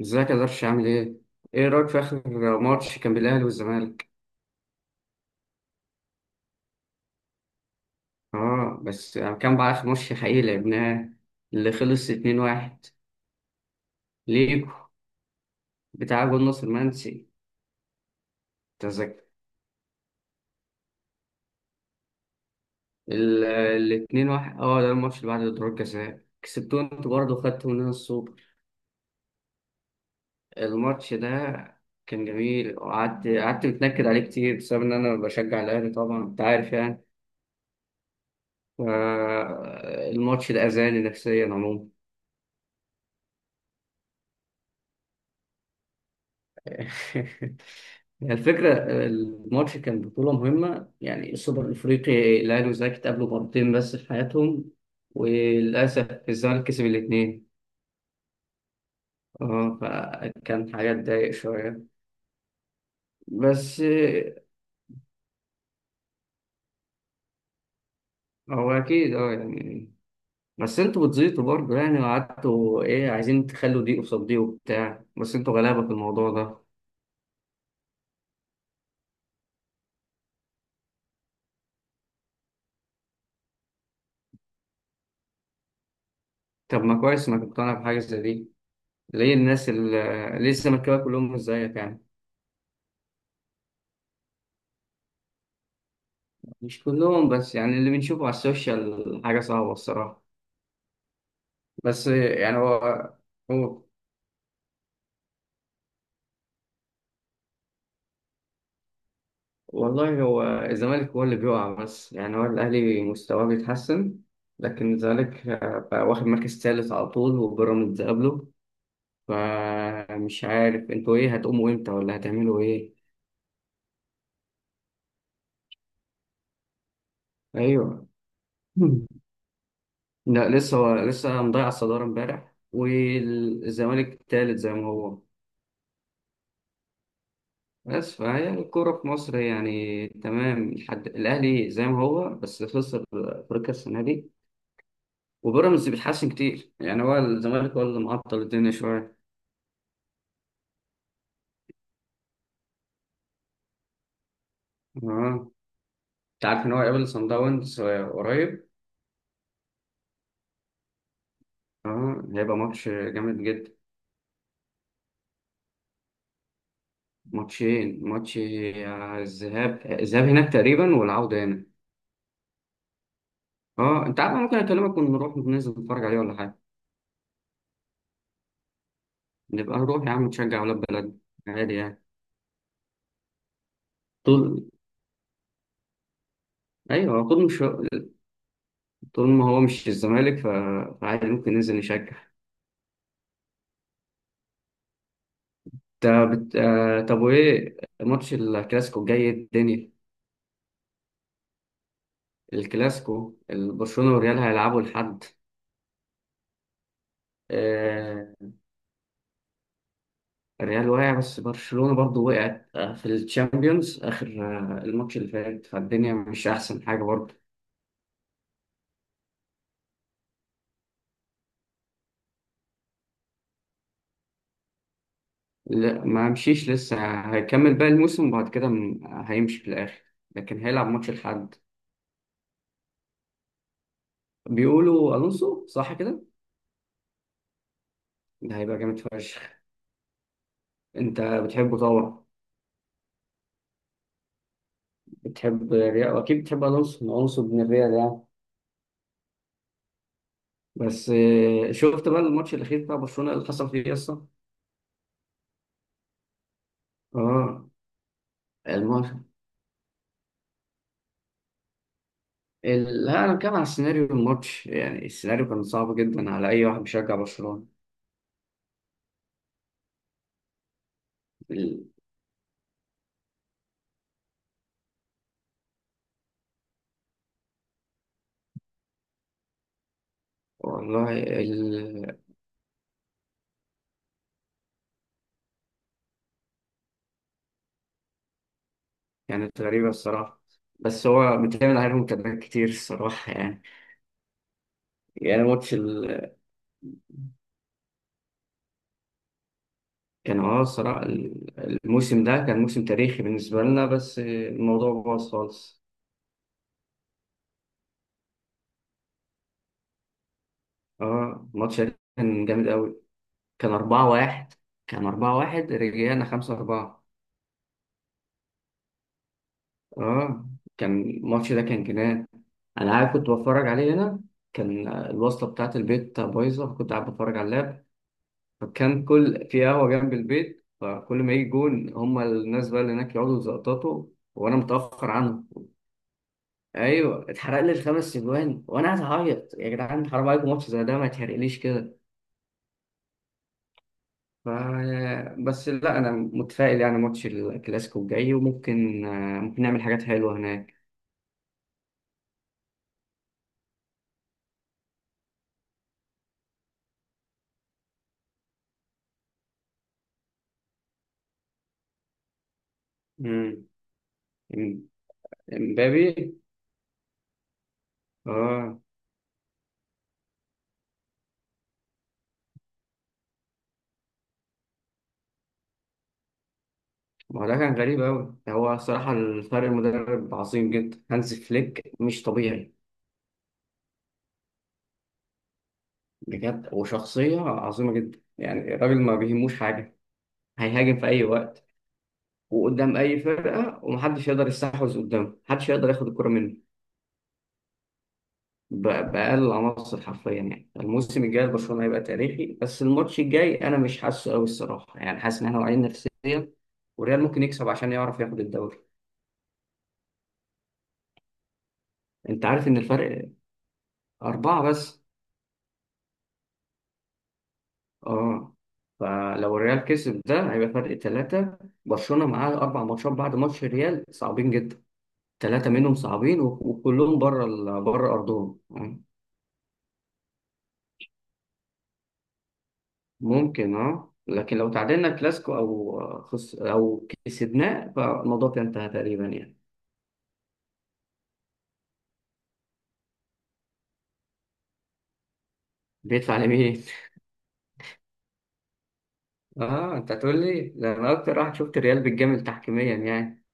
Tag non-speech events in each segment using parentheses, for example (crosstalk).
ازيك يا درش، عامل ايه؟ ايه رأيك في آخر ماتش كان بين الأهلي والزمالك؟ اه، بس كان بقى آخر ماتش حقيقي لعبناه، اللي خلص 2-1 ليكو، بتاع جول ناصر منسي، تذكر. ال ال 2-1 اه ده الماتش اللي بعد ضربات جزاء كسبتوه انتوا برضه وخدتوا مننا السوبر. الماتش ده كان جميل، وقعدت قعدت متنكد عليه كتير بسبب ان انا بشجع الأهلي طبعا، انت عارف يعني. ف- الماتش ده أذاني نفسيا عموما. (laughs) الفكرة، الماتش كان بطولة مهمة، يعني السوبر الأفريقي. الأهلي والزمالك اتقابلوا مرتين بس في حياتهم، وللأسف الزمالك كسب الاتنين. اه فكان حاجة تضايق شوية، بس هو أكيد، اه يعني. بس انتوا بتزيطوا برضه، يعني وقعدتوا ايه عايزين تخلوا دي قصاد دي وبتاع، بس انتوا غلابة في الموضوع ده. طب ما كويس انك مقتنع بحاجة زي دي. ليه الناس اللي ليه الزملكاويه كلهم مش زيك يعني؟ مش كلهم، بس يعني اللي بنشوفه على السوشيال حاجة صعبة الصراحة. بس يعني هو، والله هو الزمالك هو اللي بيقع، بس يعني هو الأهلي مستواه بيتحسن. لكن الزمالك بقى واخد مركز ثالث على طول وبيراميدز قبله. فمش عارف انتوا ايه هتقوموا امتى ولا هتعملوا ايه. ايوه. (laughs) مم. لا لسه، هو لسه مضيع الصدارة امبارح والزمالك الثالث زي ما هو. بس فهي الكورة في مصر يعني تمام، لحد الأهلي زي ما هو بس خسر أفريقيا السنة دي، وبيراميدز بيتحسن كتير. يعني هو الزمالك هو اللي معطل الدنيا شوية. اه، أنت عارف إن هو هيقابل صن داونز قريب؟ اه، هيبقى ماتش جامد جدا. ماتشين، ماتش الذهاب هناك تقريبا، والعودة هنا. اه، أنت عارف أنا ممكن أكلمك ونروح ننزل نتفرج عليه، ولا حاجة؟ نبقى نروح يا عم نشجع ولاد بلد، عادي يعني. طول، أيوه، طول مش، طول ما هو مش الزمالك فعادي ممكن ننزل نشجع. طب وايه ماتش الكلاسيكو الجاي، إيه الدنيا؟ الكلاسيكو، برشلونة والريال هيلعبوا لحد. آه، الريال وقع، بس برشلونة برضو وقعت في الشامبيونز. آخر الماتش اللي فات، فالدنيا مش أحسن حاجة برضو. لا، ما مشيش لسه، هيكمل باقي الموسم وبعد كده هيمشي في الآخر، لكن هيلعب ماتش لحد. بيقولوا ألونسو، صح كده؟ ده هيبقى جامد فشخ. انت بتحبه طبعا. بتحب ريال، واكيد بتحب الونسو. الونسو ابن الريال يعني. بس شفت بقى الماتش الاخير بتاع برشلونه اللي حصل فيه اصلا؟ اه، الماتش. لا انا بتكلم على سيناريو الماتش، يعني السيناريو كان صعب جدا على اي واحد بيشجع برشلونه. ال... والله كانت غريبه الصراحه، بس هو بيتعمل عليهم كلام كتير الصراحه يعني. يعني ماتش كان، اه، الصراحه الموسم ده كان موسم تاريخي بالنسبه لنا، بس الموضوع باظ خالص. اه، الماتش ده كان جامد قوي. كان 4-1، كان 4-1 رجعنا 5-4. اه، كان الماتش ده كان جنان. أنا قاعد كنت بتفرج عليه هنا، كان الوصلة بتاعة البيت بايظة، كنت قاعد بتفرج على اللاب، فكان كل، في قهوة جنب البيت، فكل ما يجي جون هما الناس بقى اللي هناك يقعدوا يزقططوا وأنا متأخر عنهم. أيوه اتحرق لي الخمس أجوان وأنا قاعد أعيط، يا جدعان حرام عليكم، ماتش زي ده ما يتحرقليش كده. ف- بس لا، انا متفائل يعني. ماتش الكلاسيكو الجاي، وممكن ممكن نعمل حاجات حلوه هناك. امم. امبابي، اه. ما هو ده كان غريب قوي. هو صراحه الفرق، المدرب عظيم جدا، هانز فليك مش طبيعي بجد، وشخصيه عظيمه جدا. يعني الراجل ما بيهموش حاجه، هيهاجم في اي وقت، وقدام اي فرقه، ومحدش يقدر يستحوذ قدامه، محدش يقدر ياخد الكره منه بأقل العناصر حرفيا. يعني الموسم الجاي لبرشلونة هيبقى تاريخي، بس الماتش الجاي أنا مش حاسه أوي الصراحة، يعني حاسس إن إحنا واعيين نفسيا، والريال ممكن يكسب عشان يعرف ياخد الدوري. أنت عارف إن الفرق أربعة بس. أه. فلو الريال كسب، ده هيبقى فرق ثلاثة. برشلونة معاه أربع ماتشات بعد ماتش الريال صعبين جدا، ثلاثة منهم صعبين، وكلهم بره بره أرضهم. ممكن، أه، لكن لو تعادلنا كلاسيكو أو خس أو كسبناه فالموضوع كان انتهى تقريبا يعني. بيدفع لمين؟ اه، انت هتقول لي ده، انا اكتر واحد شفت الريال بيتجامل تحكيميا يعني.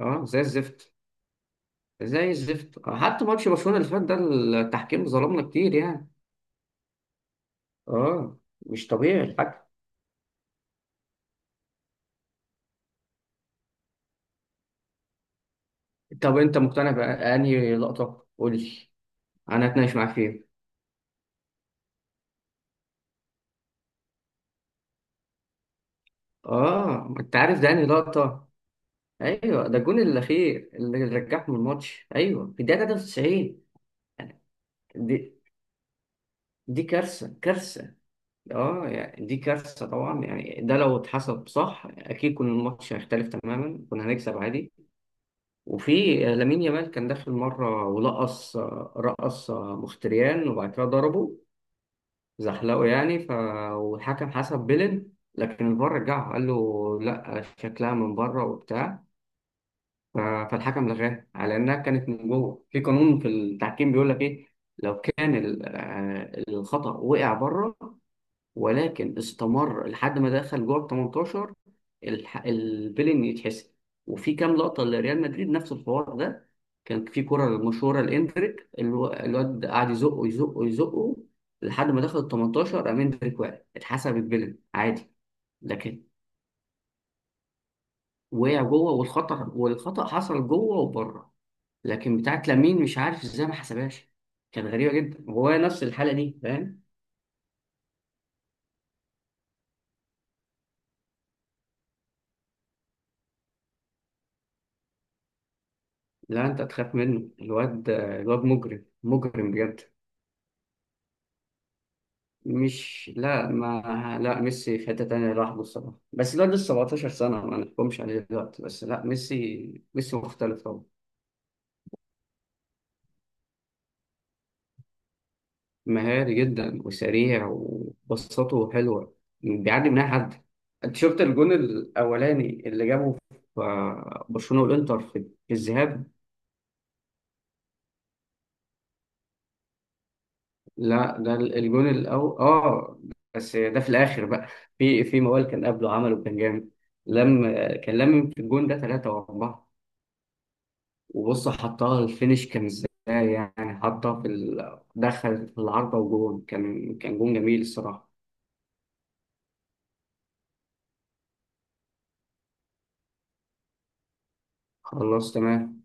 اه زي الزفت. زي الزفت، حتى ماتش برشلونة اللي فات ده، التحكيم ظلمنا كتير يعني. اه، مش طبيعي الحكم. طب انت مقتنع بأنهي لقطة؟ قول لي، انا اتناقش معاك فيها. اه، ما انت عارف ده انهي لقطة؟ ايوه ده الجون الاخير اللي رجعهم الماتش، ايوه في الدقيقة 93. دي دي كارثة، كارثة. اه، يعني دي كارثة طبعا، يعني ده لو اتحسب صح، اكيد كنا الماتش هيختلف تماما، كنا هنكسب عادي. وفي لامين يامال كان داخل مرة ولقص، رقص، مختريان وبعد كده ضربه زحلقه يعني ف. والحكم حسب بيلين، لكن الفار رجعه، قال له لا شكلها من بره وبتاع. فالحكم لغاها على انها كانت من جوه. في قانون في التحكيم بيقول لك ايه، لو كان الخطأ وقع بره، ولكن استمر لحد ما دخل جوه ال 18، البيلين يتحسب. وفي كام لقطه لريال مدريد نفس الحوار ده. كان في كره مشهوره لاندريك، الواد قعد يزقه يزقه يزقه لحد ما دخل ال 18، قام اندريك وقع، اتحسب البيلين عادي. لكن وقع جوه، والخطا حصل جوه وبره. لكن بتاعت لامين مش عارف ازاي ما حسبهاش، كانت غريبه جدا، وهو نفس الحاله دي، فاهم؟ لا، انت تخاف منه، الواد، مجرم، مجرم بجد. مش، لا، ما لا، ميسي في حتة تانية لوحده الصراحة، بس الواد لسه 17 سنة ما نحكمش عليه دلوقتي. بس لا ميسي، ميسي مختلف طبعا. مهاري جدا وسريع، وبساطته حلوة، بيعدي من أي حد. أنت شفت الجون الأولاني اللي جابه في برشلونة والإنتر في الذهاب؟ لا ده الجون الأول، آه، بس ده في الآخر بقى. في موال كان قبله عمله كان جامد. لم، كان لم في الجون ده ثلاثة وأربعة. وبص حطها الفينش كان ازاي، يعني حطها في دخل في العارضة، وجون، كان جون جميل الصراحة. خلصت.